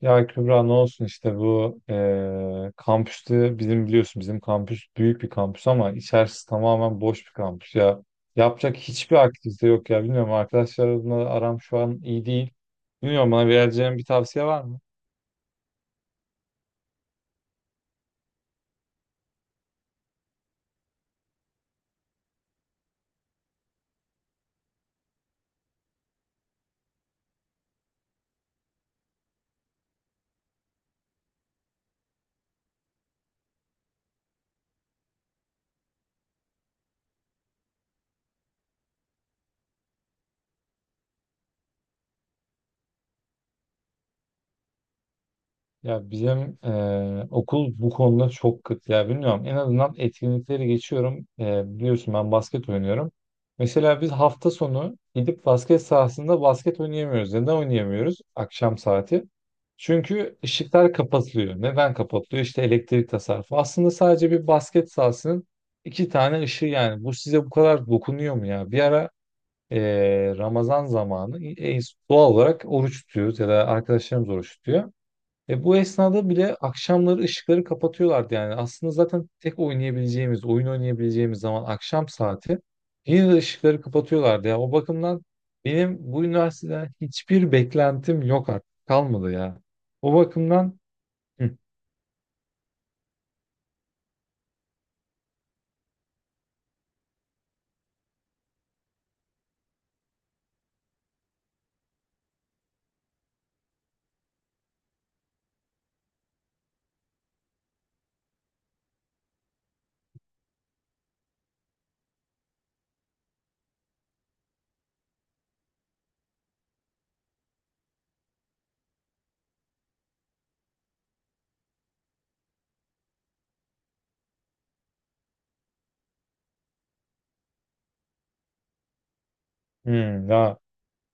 Ya Kübra ne olsun işte bu kampüste bizim biliyorsun bizim kampüs büyük bir kampüs ama içerisi tamamen boş bir kampüs ya. Yapacak hiçbir aktivite yok ya bilmiyorum arkadaşlar adına aram şu an iyi değil. Bilmiyorum bana vereceğin bir tavsiye var mı? Ya bizim okul bu konuda çok kıt ya bilmiyorum. En azından etkinlikleri geçiyorum. Biliyorsun ben basket oynuyorum. Mesela biz hafta sonu gidip basket sahasında basket oynayamıyoruz. Neden oynayamıyoruz? Akşam saati. Çünkü ışıklar kapatılıyor. Neden kapatılıyor? İşte elektrik tasarrufu. Aslında sadece bir basket sahasının iki tane ışığı yani. Bu size bu kadar dokunuyor mu ya? Bir ara Ramazan zamanı doğal olarak oruç tutuyoruz ya da arkadaşlarımız oruç tutuyor. Ve bu esnada bile akşamları ışıkları kapatıyorlardı yani. Aslında zaten tek oynayabileceğimiz, oyun oynayabileceğimiz zaman akşam saati yine de ışıkları kapatıyorlardı ya. O bakımdan benim bu üniversiteden hiçbir beklentim yok artık. Kalmadı ya. O bakımdan hı, hı, ya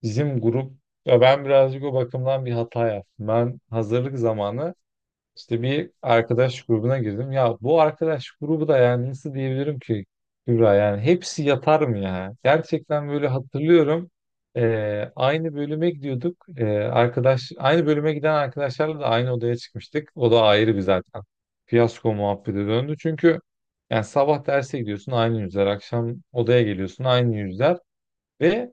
bizim grup, ya ben birazcık o bakımdan bir hata yaptım. Ben hazırlık zamanı İşte bir arkadaş grubuna girdim. Ya bu arkadaş grubu da yani nasıl diyebilirim ki Kübra, yani hepsi yatar mı ya? Gerçekten böyle hatırlıyorum. Aynı bölüme gidiyorduk. Arkadaş aynı bölüme giden arkadaşlarla da aynı odaya çıkmıştık. O da ayrı bir zaten. Fiyasko muhabbete döndü. Çünkü yani sabah derse gidiyorsun aynı yüzler, akşam odaya geliyorsun aynı yüzler ve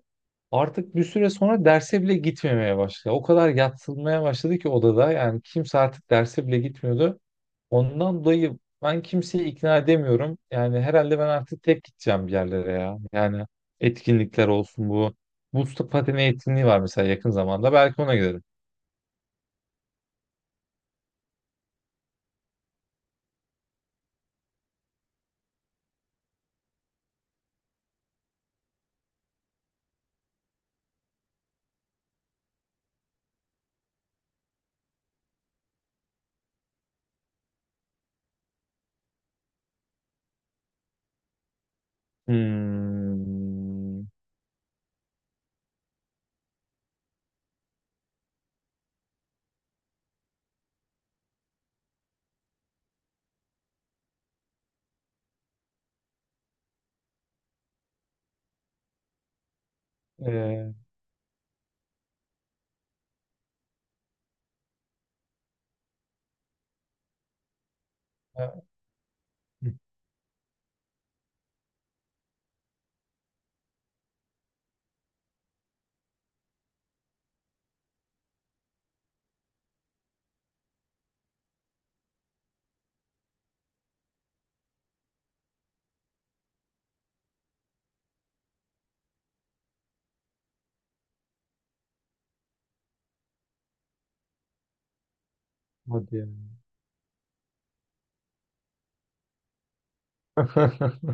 artık bir süre sonra derse bile gitmemeye başladı. O kadar yatsılmaya başladı ki odada. Yani kimse artık derse bile gitmiyordu. Ondan dolayı ben kimseyi ikna edemiyorum. Yani herhalde ben artık tek gideceğim bir yerlere ya. Yani etkinlikler olsun bu. Buz pateni etkinliği var mesela yakın zamanda. Belki ona giderim. Hmm. Ee, hadi ya.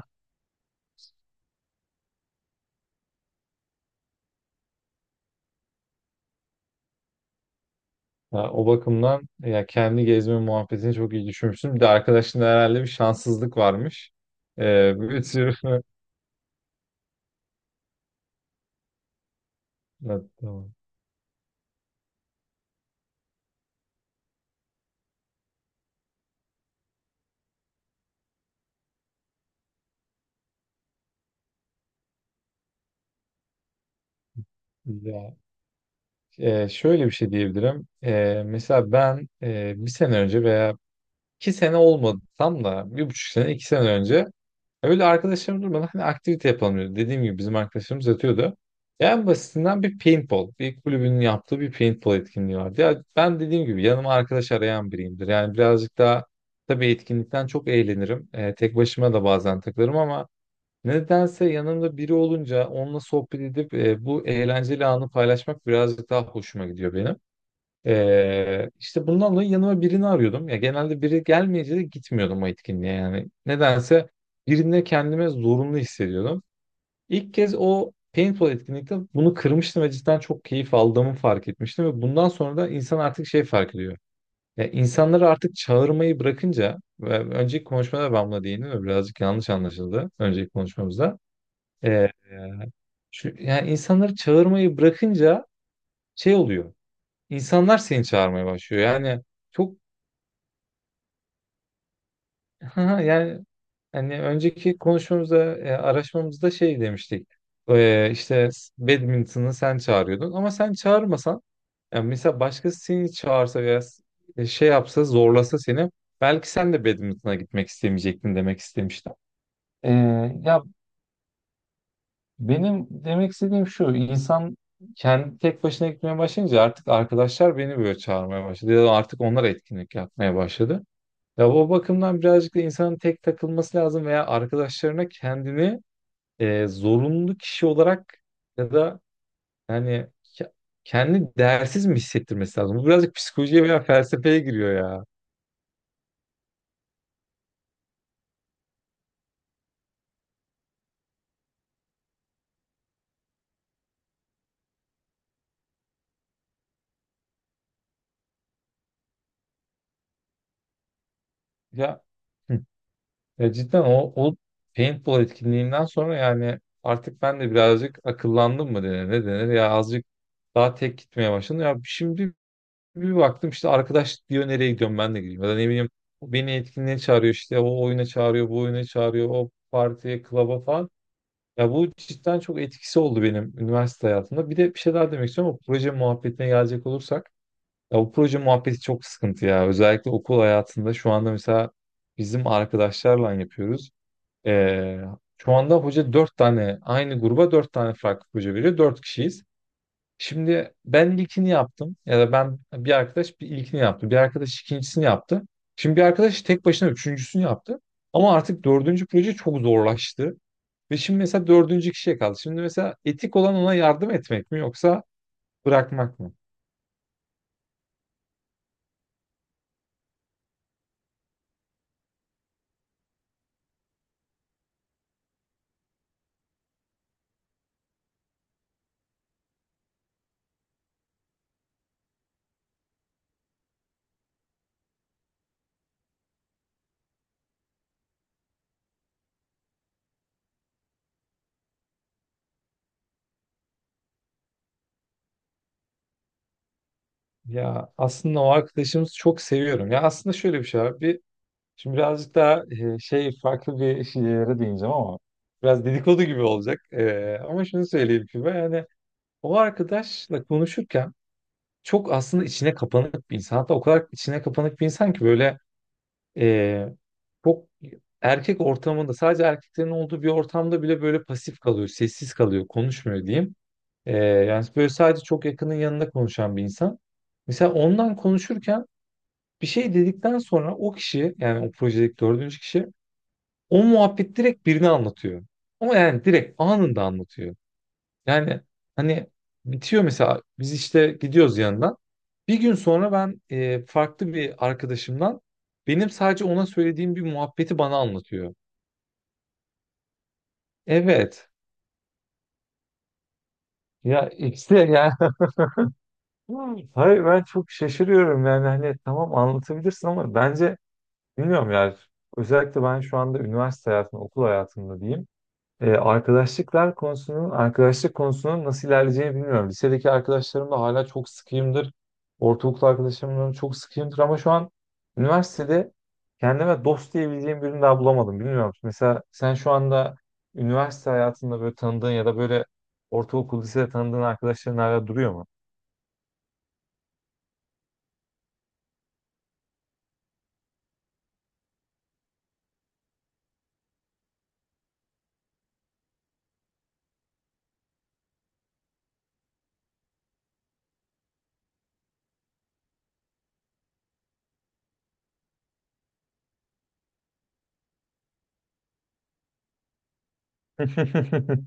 Ya o bakımdan ya kendi gezme muhabbetini çok iyi düşünmüşsün. Bir de arkadaşında herhalde bir şanssızlık varmış. Bir tür... Evet, tamam. Ya, şöyle bir şey diyebilirim. Mesela ben bir sene önce veya iki sene olmadı tam da bir buçuk sene iki sene önce öyle arkadaşlarım durmadan hani aktivite yapalım dedi. Dediğim gibi bizim arkadaşlarımız yatıyordu. En basitinden bir paintball. Bir kulübünün yaptığı bir paintball etkinliği vardı. Ya ben dediğim gibi yanıma arkadaş arayan biriyimdir. Yani birazcık daha tabii etkinlikten çok eğlenirim. Tek başıma da bazen takılırım ama nedense yanımda biri olunca onunla sohbet edip bu eğlenceli anı paylaşmak birazcık daha hoşuma gidiyor benim. İşte bundan dolayı yanıma birini arıyordum. Ya genelde biri gelmeyince de gitmiyordum o etkinliğe yani. Nedense birinde kendime zorunlu hissediyordum. İlk kez o paintball etkinlikte bunu kırmıştım ve cidden çok keyif aldığımı fark etmiştim ve bundan sonra da insan artık şey fark ediyor. Ya insanları artık çağırmayı bırakınca ve önceki konuşmada ben buna değindim ve birazcık yanlış anlaşıldı önceki konuşmamızda. Ee, şu, yani insanları çağırmayı bırakınca şey oluyor. İnsanlar seni çağırmaya başlıyor. Yani çok. Ha, yani hani önceki konuşmamızda, araşmamızda şey demiştik. İşte badminton'ı sen çağırıyordun ama sen çağırmasan yani mesela başkası seni çağırsa veya şey yapsa zorlasa seni belki sen de badminton'a gitmek istemeyecektin demek istemiştim. E, ya benim demek istediğim şu: insan kendi tek başına gitmeye başlayınca artık arkadaşlar beni böyle çağırmaya başladı ya da artık onlar etkinlik yapmaya başladı. Ya o bakımdan birazcık da insanın tek takılması lazım veya arkadaşlarına kendini zorunlu kişi olarak ya da yani kendi değersiz mi hissettirmesi lazım? Bu birazcık psikolojiye veya felsefeye giriyor ya. Ya, hı. Ya cidden o, o paintball etkinliğinden sonra yani artık ben de birazcık akıllandım mı denir ne denir ya azıcık daha tek gitmeye başladım. Ya şimdi bir baktım işte arkadaş diyor nereye gidiyorum ben de gideyim. Ya da ne bileyim beni etkinliğe çağırıyor işte o oyuna çağırıyor bu oyuna çağırıyor o partiye klaba falan. Ya bu cidden çok etkisi oldu benim üniversite hayatımda. Bir de bir şey daha demek istiyorum o proje muhabbetine gelecek olursak. Ya bu proje muhabbeti çok sıkıntı ya. Özellikle okul hayatında şu anda mesela bizim arkadaşlarla yapıyoruz. Ee, şu anda hoca dört tane aynı gruba dört tane farklı proje veriyor. Dört kişiyiz. Şimdi ben ilkini yaptım ya da ben bir arkadaş bir ilkini yaptı. Bir arkadaş ikincisini yaptı. Şimdi bir arkadaş tek başına üçüncüsünü yaptı. Ama artık dördüncü proje çok zorlaştı. Ve şimdi mesela dördüncü kişiye kaldı. Şimdi mesela etik olan ona yardım etmek mi yoksa bırakmak mı? Ya aslında o arkadaşımızı çok seviyorum. Ya aslında şöyle bir şey var. Bir, şimdi birazcık daha şey farklı bir şeylere değineceğim ama biraz dedikodu gibi olacak. Ama şunu söyleyeyim ki ben yani o arkadaşla konuşurken çok aslında içine kapanık bir insan. Hatta o kadar içine kapanık bir insan ki böyle e, çok erkek ortamında sadece erkeklerin olduğu bir ortamda bile böyle pasif kalıyor, sessiz kalıyor, konuşmuyor diyeyim. Yani böyle sadece çok yakının yanında konuşan bir insan. Mesela ondan konuşurken bir şey dedikten sonra o kişi yani o projedeki dördüncü kişi o muhabbet direkt birine anlatıyor. Ama yani direkt anında anlatıyor. Yani hani bitiyor mesela biz işte gidiyoruz yanından. Bir gün sonra ben farklı bir arkadaşımdan benim sadece ona söylediğim bir muhabbeti bana anlatıyor. Evet. Ya işte yani hayır ben çok şaşırıyorum yani hani tamam anlatabilirsin ama bence bilmiyorum yani özellikle ben şu anda üniversite hayatında okul hayatında diyeyim. Arkadaşlıklar konusunun, arkadaşlık konusunun nasıl ilerleyeceğini bilmiyorum. Lisedeki arkadaşlarımla hala çok sıkıyımdır. Ortaokul arkadaşlarımla çok sıkıyımdır ama şu an üniversitede kendime dost diyebileceğim birini daha bulamadım. Bilmiyorum. Mesela sen şu anda üniversite hayatında böyle tanıdığın ya da böyle ortaokul, lisede tanıdığın arkadaşların hala duruyor mu?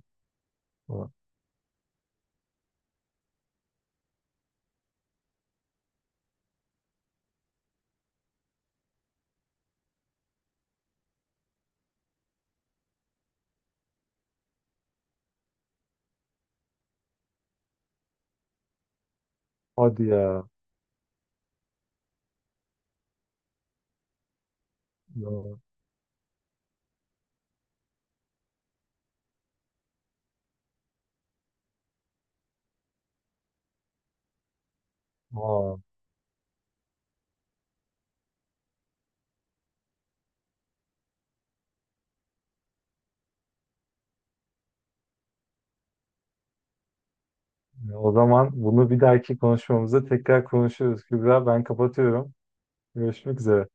Hadi ya. Ya. Aa. Ya o zaman bunu bir dahaki konuşmamızda tekrar konuşuruz. Kübra ben kapatıyorum. Görüşmek üzere.